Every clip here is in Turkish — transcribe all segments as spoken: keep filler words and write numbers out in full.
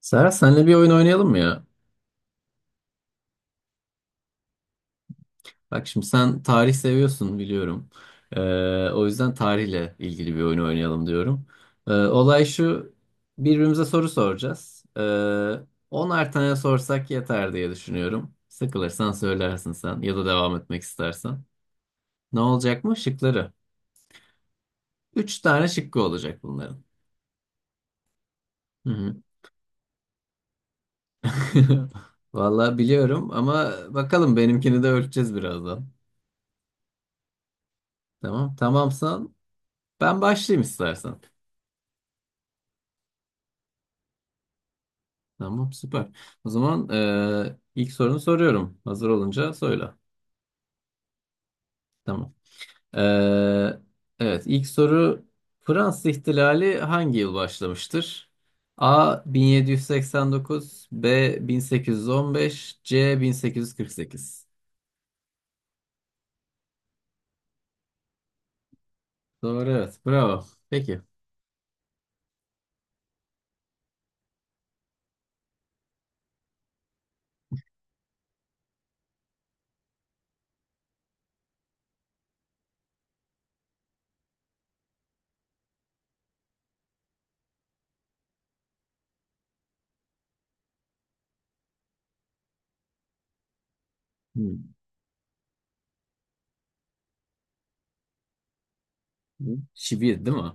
Serhat, senle bir oyun oynayalım mı ya? Bak şimdi, sen tarih seviyorsun biliyorum. Ee, o yüzden tarihle ilgili bir oyun oynayalım diyorum. Ee, olay şu: birbirimize soru soracağız. Ee, onar tane sorsak yeter diye düşünüyorum. Sıkılırsan söylersin, sen ya da devam etmek istersen. Ne olacak mı? Şıkları. Üç tane şıkkı olacak bunların. Hı hı. Vallahi biliyorum ama bakalım, benimkini de ölçeceğiz birazdan. Tamam. Tamamsan ben başlayayım istersen. Tamam, süper. O zaman eee, ilk sorunu soruyorum. Hazır olunca söyle. Tamam. Eee, evet, ilk soru: Fransız İhtilali hangi yıl başlamıştır? A bin yedi yüz seksen dokuz, B bin sekiz yüz on beş, C bin sekiz yüz kırk sekiz. Doğru, evet. Bravo. Peki. Hmm. Çivi değil mi?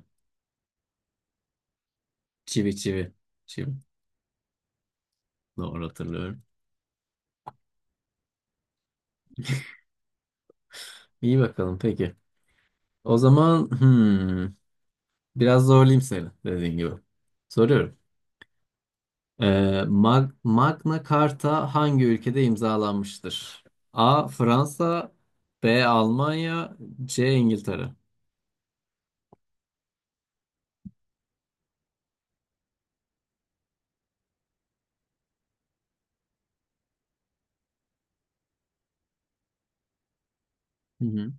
Çivi, çivi. Çivi. Doğru hatırlıyorum. İyi, bakalım peki. O zaman hmm, biraz zorlayayım seni, dediğin gibi. Soruyorum. Ee, Mag- Magna Carta hangi ülkede imzalanmıştır? A. Fransa B. Almanya C. İngiltere Hı hı.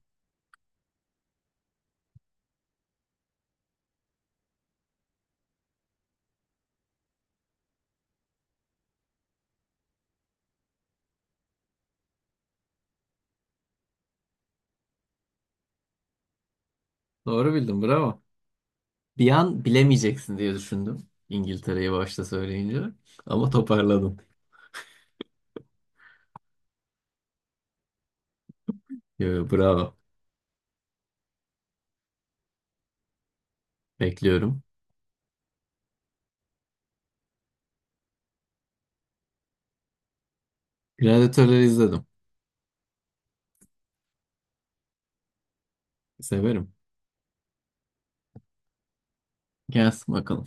Doğru bildin, bravo. Bir an bilemeyeceksin diye düşündüm, İngiltere'yi başta söyleyince. Ama toparladın. Yo, yo, bravo. Bekliyorum. Gladiatörleri izledim. Severim. Gelsin bakalım.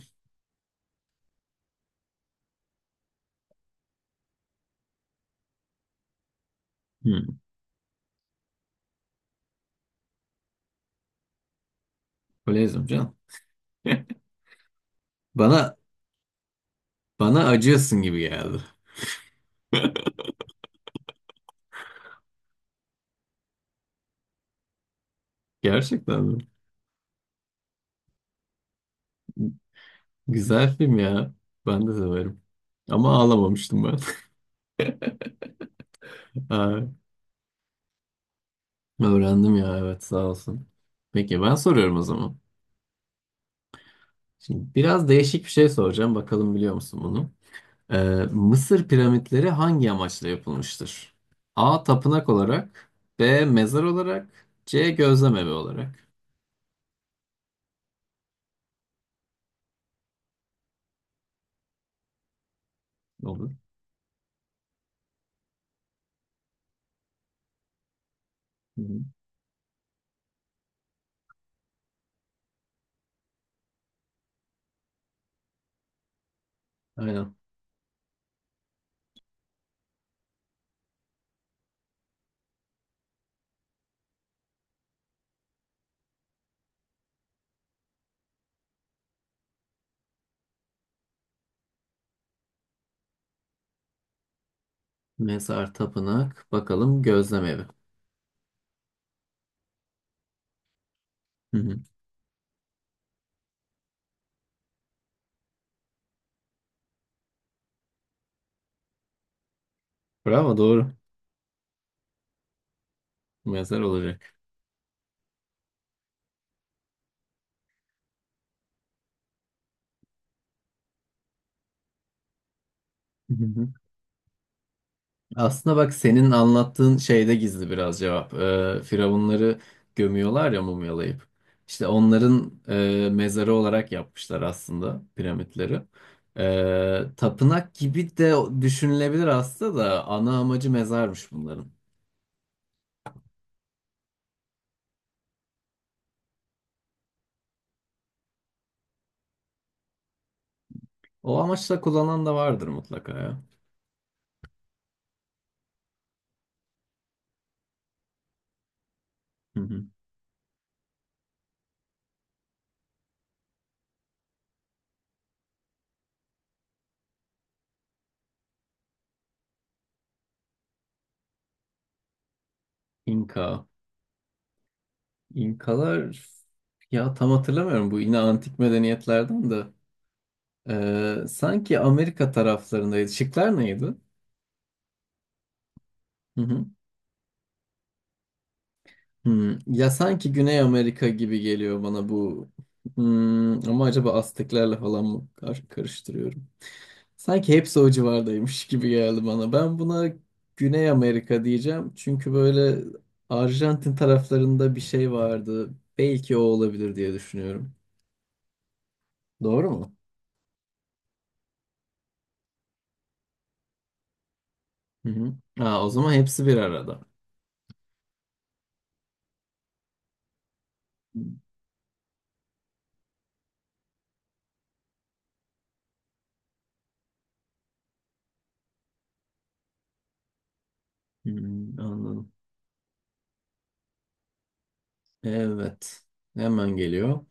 Hı. Öyle izliyorum canım. Bana, bana acıyorsun gibi geldi. Gerçekten mi? Güzel film ya. Ben de severim. Ama ağlamamıştım ben. Aa, öğrendim ya, evet, sağ olsun. Peki, ben soruyorum o zaman. Şimdi biraz değişik bir şey soracağım. Bakalım biliyor musun bunu? Ee, Mısır piramitleri hangi amaçla yapılmıştır? A. Tapınak olarak. B. Mezar olarak. C. Gözlem evi olarak. Olur. Hı hı. Aynen. Mezar, tapınak. Bakalım, gözlem evi. Hı hı. Bravo, doğru. Mezar olacak. Aslında bak, senin anlattığın şeyde gizli biraz cevap. Ee, firavunları gömüyorlar ya, mumyalayıp. İşte onların e, mezarı olarak yapmışlar aslında piramitleri. Ee, tapınak gibi de düşünülebilir aslında da ana amacı mezarmış bunların. O amaçla kullanan da vardır mutlaka ya. Hı hı. İnka. İnkalar ya, tam hatırlamıyorum bu, yine antik medeniyetlerden de. Ee, sanki Amerika taraflarındaydı. Şıklar neydi? Hı hı. Hmm, ya sanki Güney Amerika gibi geliyor bana bu. Hmm, ama acaba Azteklerle falan mı kar- karıştırıyorum? Sanki hepsi o civardaymış gibi geldi bana. Ben buna Güney Amerika diyeceğim. Çünkü böyle Arjantin taraflarında bir şey vardı. Belki o olabilir diye düşünüyorum. Doğru mu? Hı hı. Aa, o zaman hepsi bir arada. Hmm, anladım. Evet. Hemen geliyor.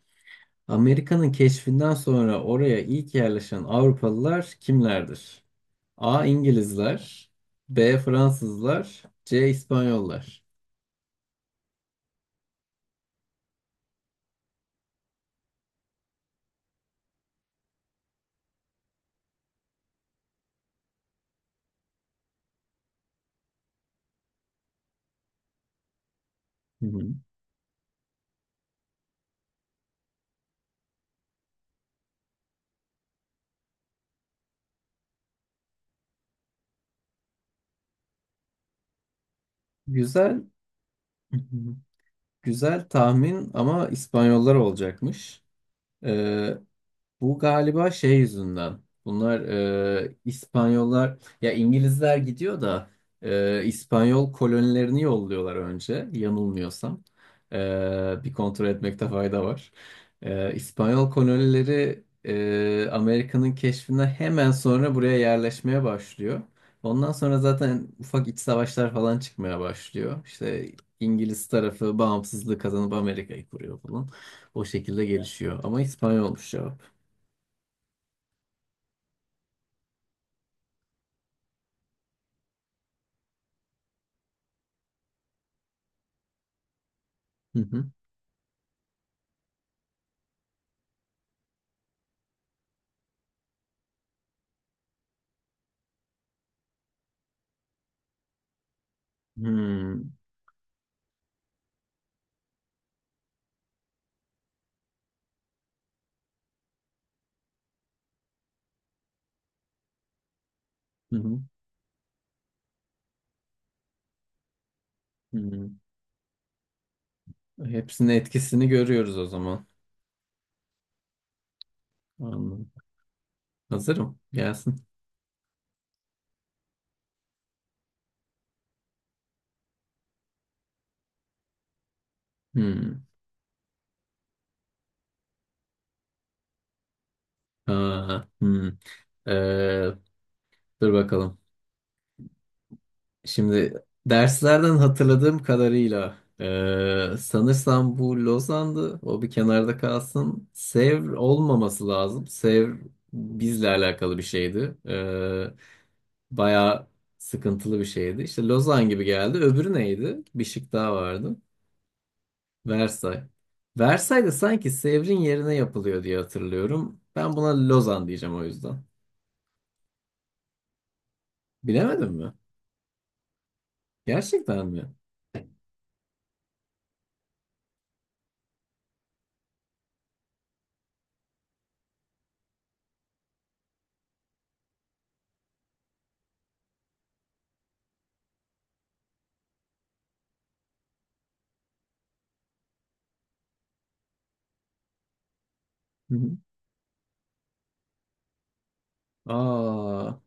Amerika'nın keşfinden sonra oraya ilk yerleşen Avrupalılar kimlerdir? A. İngilizler, B. Fransızlar, C. İspanyollar. Hı hı. Güzel, hı hı, güzel tahmin ama İspanyollar olacakmış. Ee, bu galiba şey yüzünden. Bunlar e, İspanyollar ya, İngilizler gidiyor da e, İspanyol kolonilerini yolluyorlar önce, yanılmıyorsam. E, bir kontrol etmekte fayda var. E, İspanyol kolonileri e, Amerika'nın keşfinden hemen sonra buraya yerleşmeye başlıyor. Ondan sonra zaten ufak iç savaşlar falan çıkmaya başlıyor. İşte İngiliz tarafı bağımsızlığı kazanıp Amerika'yı kuruyor falan. O şekilde gelişiyor. Ama İspanyolmuş ya. Hı hı. Hmm. Hı hı. Hmm. Hepsinin etkisini görüyoruz o zaman. Anladım. Hazırım. Gelsin. Hmm. Aa, hmm. Ee, dur bakalım. Şimdi derslerden hatırladığım kadarıyla ee, sanırsam bu Lozan'dı. O bir kenarda kalsın. Sevr olmaması lazım. Sevr bizle alakalı bir şeydi. Ee, bayağı sıkıntılı bir şeydi. İşte Lozan gibi geldi. Öbürü neydi? Bir şık daha vardı. Versay. Versay da sanki Sevr'in yerine yapılıyor diye hatırlıyorum. Ben buna Lozan diyeceğim o yüzden. Bilemedim mi? Gerçekten mi? Hı hı. Aa,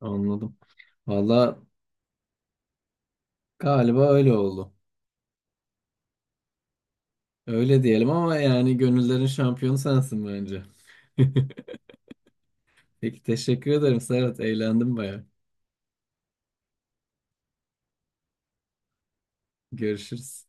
anladım. Valla galiba öyle oldu. Öyle diyelim ama yani gönüllerin şampiyonu sensin bence. Peki, teşekkür ederim Serhat. Eğlendim bayağı. Görüşürüz.